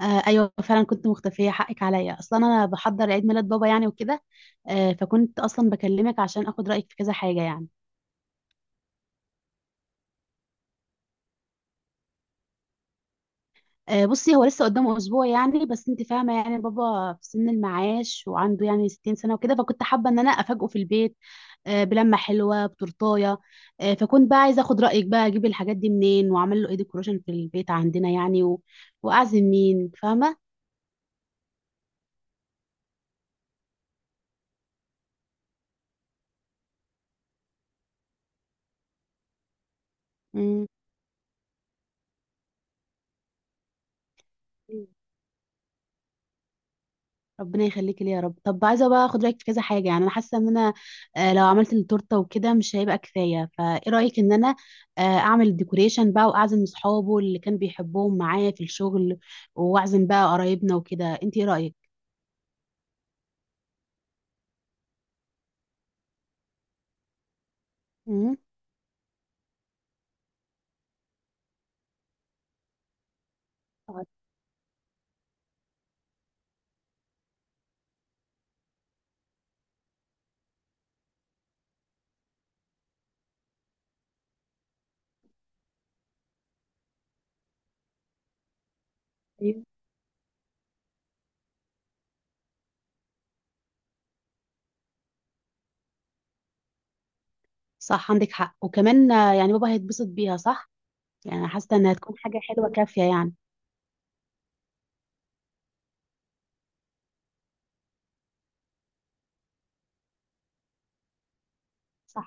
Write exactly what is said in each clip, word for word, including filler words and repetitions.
آه ايوه فعلا كنت مختفيه، حقك عليا. اصلا انا بحضر عيد ميلاد بابا يعني وكده. آه فكنت اصلا بكلمك عشان اخد رايك في كذا حاجه يعني. آه بصي، هو لسه قدامه اسبوع يعني، بس انت فاهمه. يعني بابا في سن المعاش وعنده يعني 60 سنه وكده. فكنت حابه ان انا افاجئه في البيت. آه بلمه حلوه بتورتايه. آه فكنت بقى عايزه اخد رايك، بقى اجيب الحاجات دي منين واعمل له ايه ديكوريشن في البيت عندنا يعني و... واعزم مين، فاهمه؟ مم. ربنا يخليك لي يا رب. طب، عايزه بقى اخد رايك في كذا حاجه يعني. انا حاسه ان انا آه، لو عملت التورته وكده مش هيبقى كفايه. فايه رايك ان انا آه، اعمل الديكوريشن بقى واعزم اصحابه اللي كان بيحبهم معايا في الشغل واعزم بقى قرايبنا وكده؟ انت ايه رايك؟ امم أيوة. صح عندك حق. وكمان آه، يعني بابا هيتبسط بيها، صح. يعني حاسه انها تكون حاجه حلوه كافيه يعني. صح.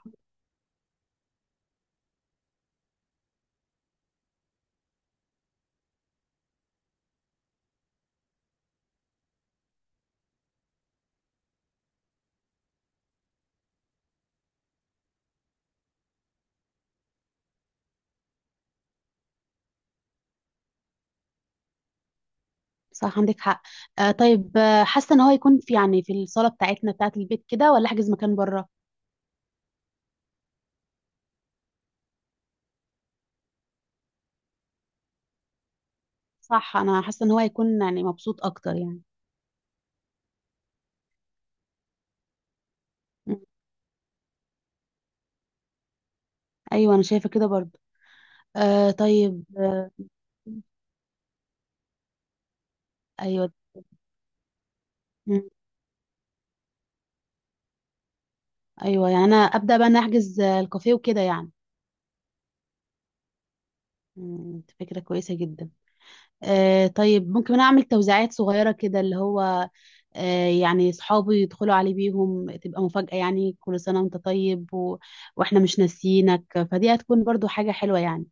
صح عندك حق. آه طيب، آه، حاسه ان هو يكون في، يعني في الصاله بتاعتنا بتاعت البيت كده، ولا احجز مكان بره؟ صح، انا حاسه ان هو هيكون يعني مبسوط اكتر يعني. م. ايوه، انا شايفه كده برضو. آه طيب. آه ايوه. م. ايوه، يعني انا ابدا بقى نحجز الكافيه وكده يعني. م، دي فكره كويسه جدا. آه طيب، ممكن انا اعمل توزيعات صغيره كده، اللي هو آه يعني اصحابي يدخلوا عليه بيهم تبقى مفاجاه يعني، كل سنه وانت طيب و... واحنا مش ناسيينك. فدي هتكون برضو حاجه حلوه يعني.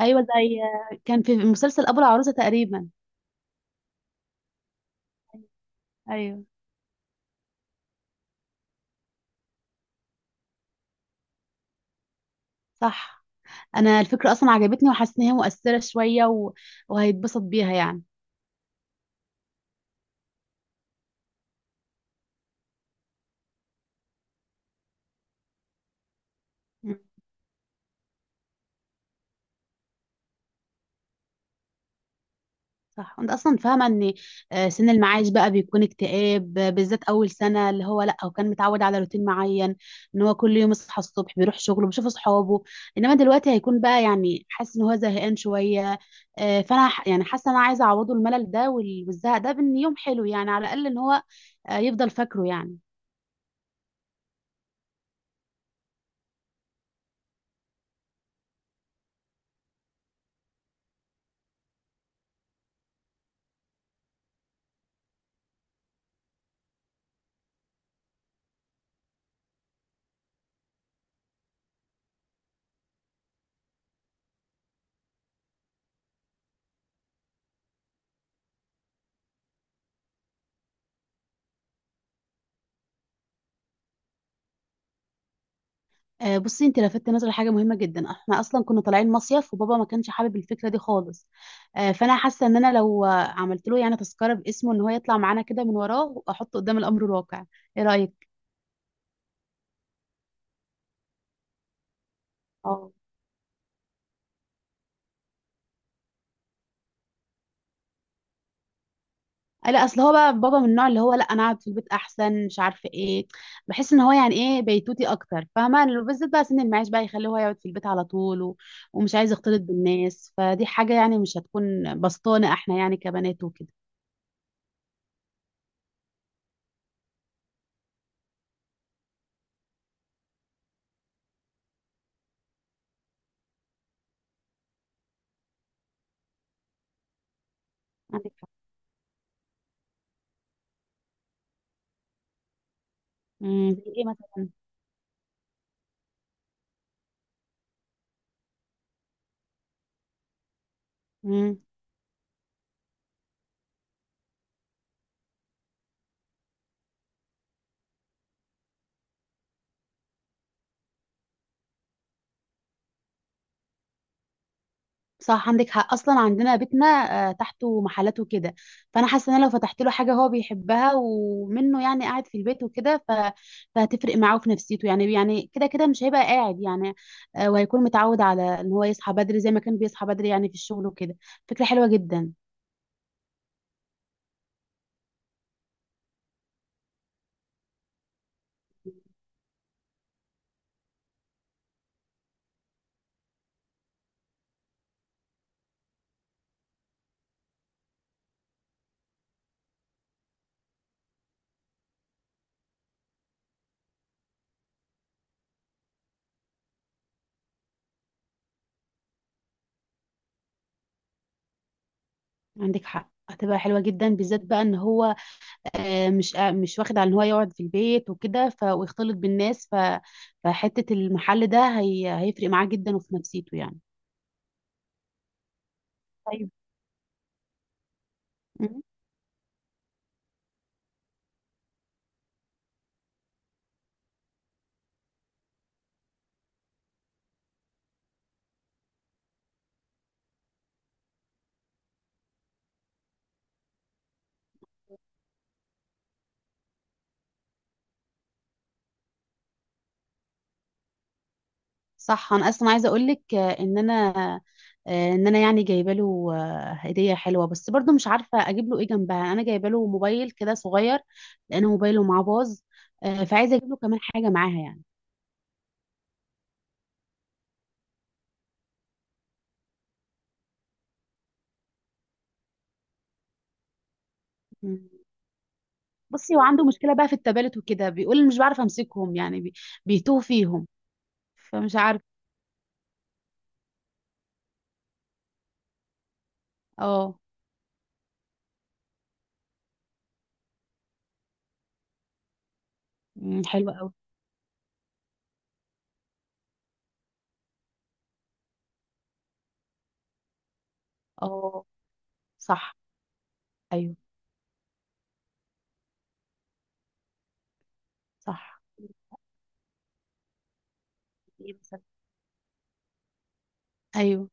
ايوه، زي آه، كان في مسلسل ابو العروسه تقريبا. ايوه صح. انا الفكره اصلا عجبتني وحاسه ان هي مؤثره شويه و... وهيتبسط بيها يعني. مم. صح. وانت اصلا فاهمه ان آه، سن المعاش بقى بيكون اكتئاب، آه، بالذات اول سنه، اللي هو، لا هو كان متعود على روتين معين. ان هو كل يوم يصحى الصبح بيروح شغله بيشوف اصحابه. انما دلوقتي هيكون بقى يعني حاسس ان هو زهقان شويه. آه، فانا ح- يعني حاسه ان انا عايزه اعوضه الملل ده وال- والزهق ده بان يوم حلو، يعني على الاقل ان هو آه، يفضل فاكره يعني. آه، بصي، انت لفتت نظري حاجه مهمه جدا. احنا اصلا كنا طالعين مصيف وبابا ما كانش حابب الفكره دي خالص. آه، فانا حاسه ان انا لو آه، عملت له يعني تذكره باسمه ان هو يطلع معانا كده من وراه، واحطه قدام الامر الواقع. ايه رايك؟ اه. آه، لا، اصل هو بقى بابا من النوع اللي هو، لا انا اقعد في البيت احسن، مش عارفه ايه. بحس ان هو، يعني ايه، بيتوتي اكتر، فاهمه؟ لو- بالذات بقى سن المعاش بقى يخليه هو يقعد في البيت على طول و... ومش عايز يختلط بالناس. فدي حاجه يعني مش هتكون بسطانه احنا يعني كبنات وكده. عندك حق. امم ايه مثلا؟ مم. صح عندك حق. اصلا عندنا بيتنا آه، تحته محلات وكده. فانا حاسه ان انا لو فتحت له حاجه هو بيحبها، ومنه يعني قاعد في البيت وكده ف... فهتفرق معاه في نفسيته يعني. يعني كده كده مش هيبقى قاعد يعني. آه، وهيكون متعود على ان هو يصحى بدري زي ما كان بيصحى بدري يعني في الشغل وكده. فكره حلوه جدا. عندك حق، هتبقى حلوه جدا، بالذات بقى ان هو آه، مش آه، مش واخد على ان هو يقعد في البيت وكده، ف... ويختلط بالناس، ف... فحته المحل ده هي... هيفرق معاه جدا وفي نفسيته يعني. طيب. صح، انا اصلا عايزه اقول لك ان انا آه، ان انا يعني جايبه له آه، هديه حلوه، بس برضو مش عارفه اجيب له ايه جنبها. انا جايبه له موبايل كده صغير لان موبايله معاه باظ. آه، فعايزه اجيب له كمان حاجه معاها يعني. مم. بصي، هو عنده مشكله بقى في التبالت وكده، بيقول مش بعرف امسكهم، يعني بي- بيتوه فيهم. فمش عارف. اه. مم، حلوه قوي. اه. صح. ايوه. صح. ايه مثلا؟ ايوه.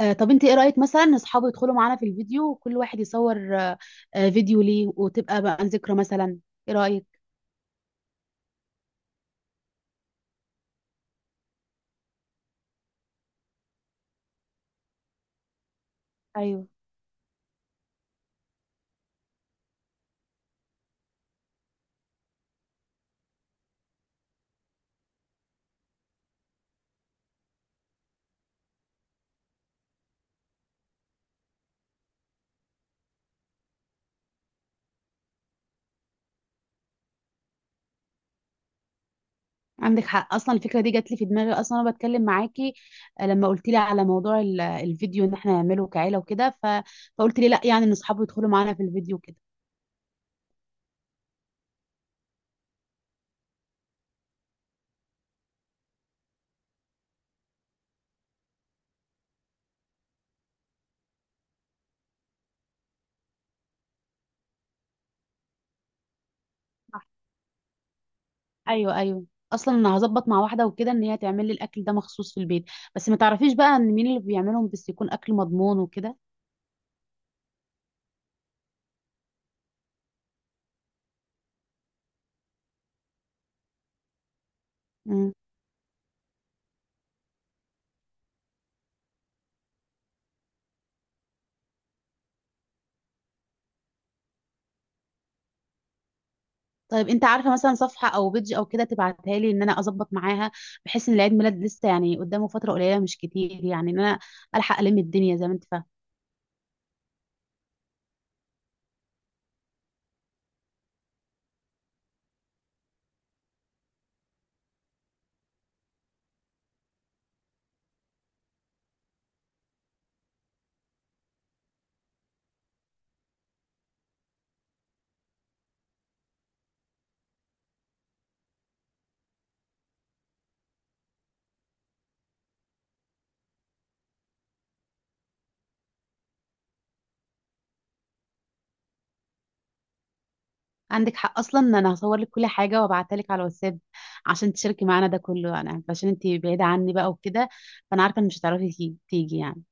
آه، طب انت ايه رأيك مثلا ان اصحابه يدخلوا معانا في الفيديو وكل واحد يصور آه، آه، فيديو ليه، وتبقى بقى ذكرى مثلا؟ ايه رأيك؟ ايوه، عندك حق. اصلا الفكرة دي جات لي في دماغي اصلا وانا بتكلم معاكي. آه، لما قلت لي على موضوع ال- الفيديو ان احنا نعمله كعيلة وكده، ف... فقلت لي لا، يعني ان اصحابه يدخلوا معانا في الفيديو كده. صح. ايوه ايوه. اصلا انا هظبط مع واحده وكده ان هي تعمل لي الاكل ده مخصوص في البيت. بس ما تعرفيش بقى ان مين اللي بيعملهم؟ بس يكون اكل مضمون وكده. طيب، انت عارفه مثلا صفحه او بيدج او كده تبعتها لي ان انا اظبط معاها؟ بحيث ان العيد ميلاد لسه يعني قدامه فتره قليله، مش كتير يعني. ان انا الحق الم الدنيا زي ما انت فاهم. عندك حق. اصلا ان انا هصور لك كل حاجه وابعتها لك على الواتساب عشان تشاركي معانا ده كله، انا عشان انت بعيده عني بقى وكده. فانا عارفه ان مش هتعرفي تي- تيجي يعني.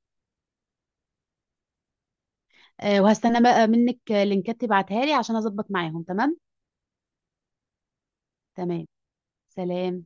أه وهستنى بقى منك لينكات تبعتها لي عشان اظبط معاهم. تمام. تمام. سلام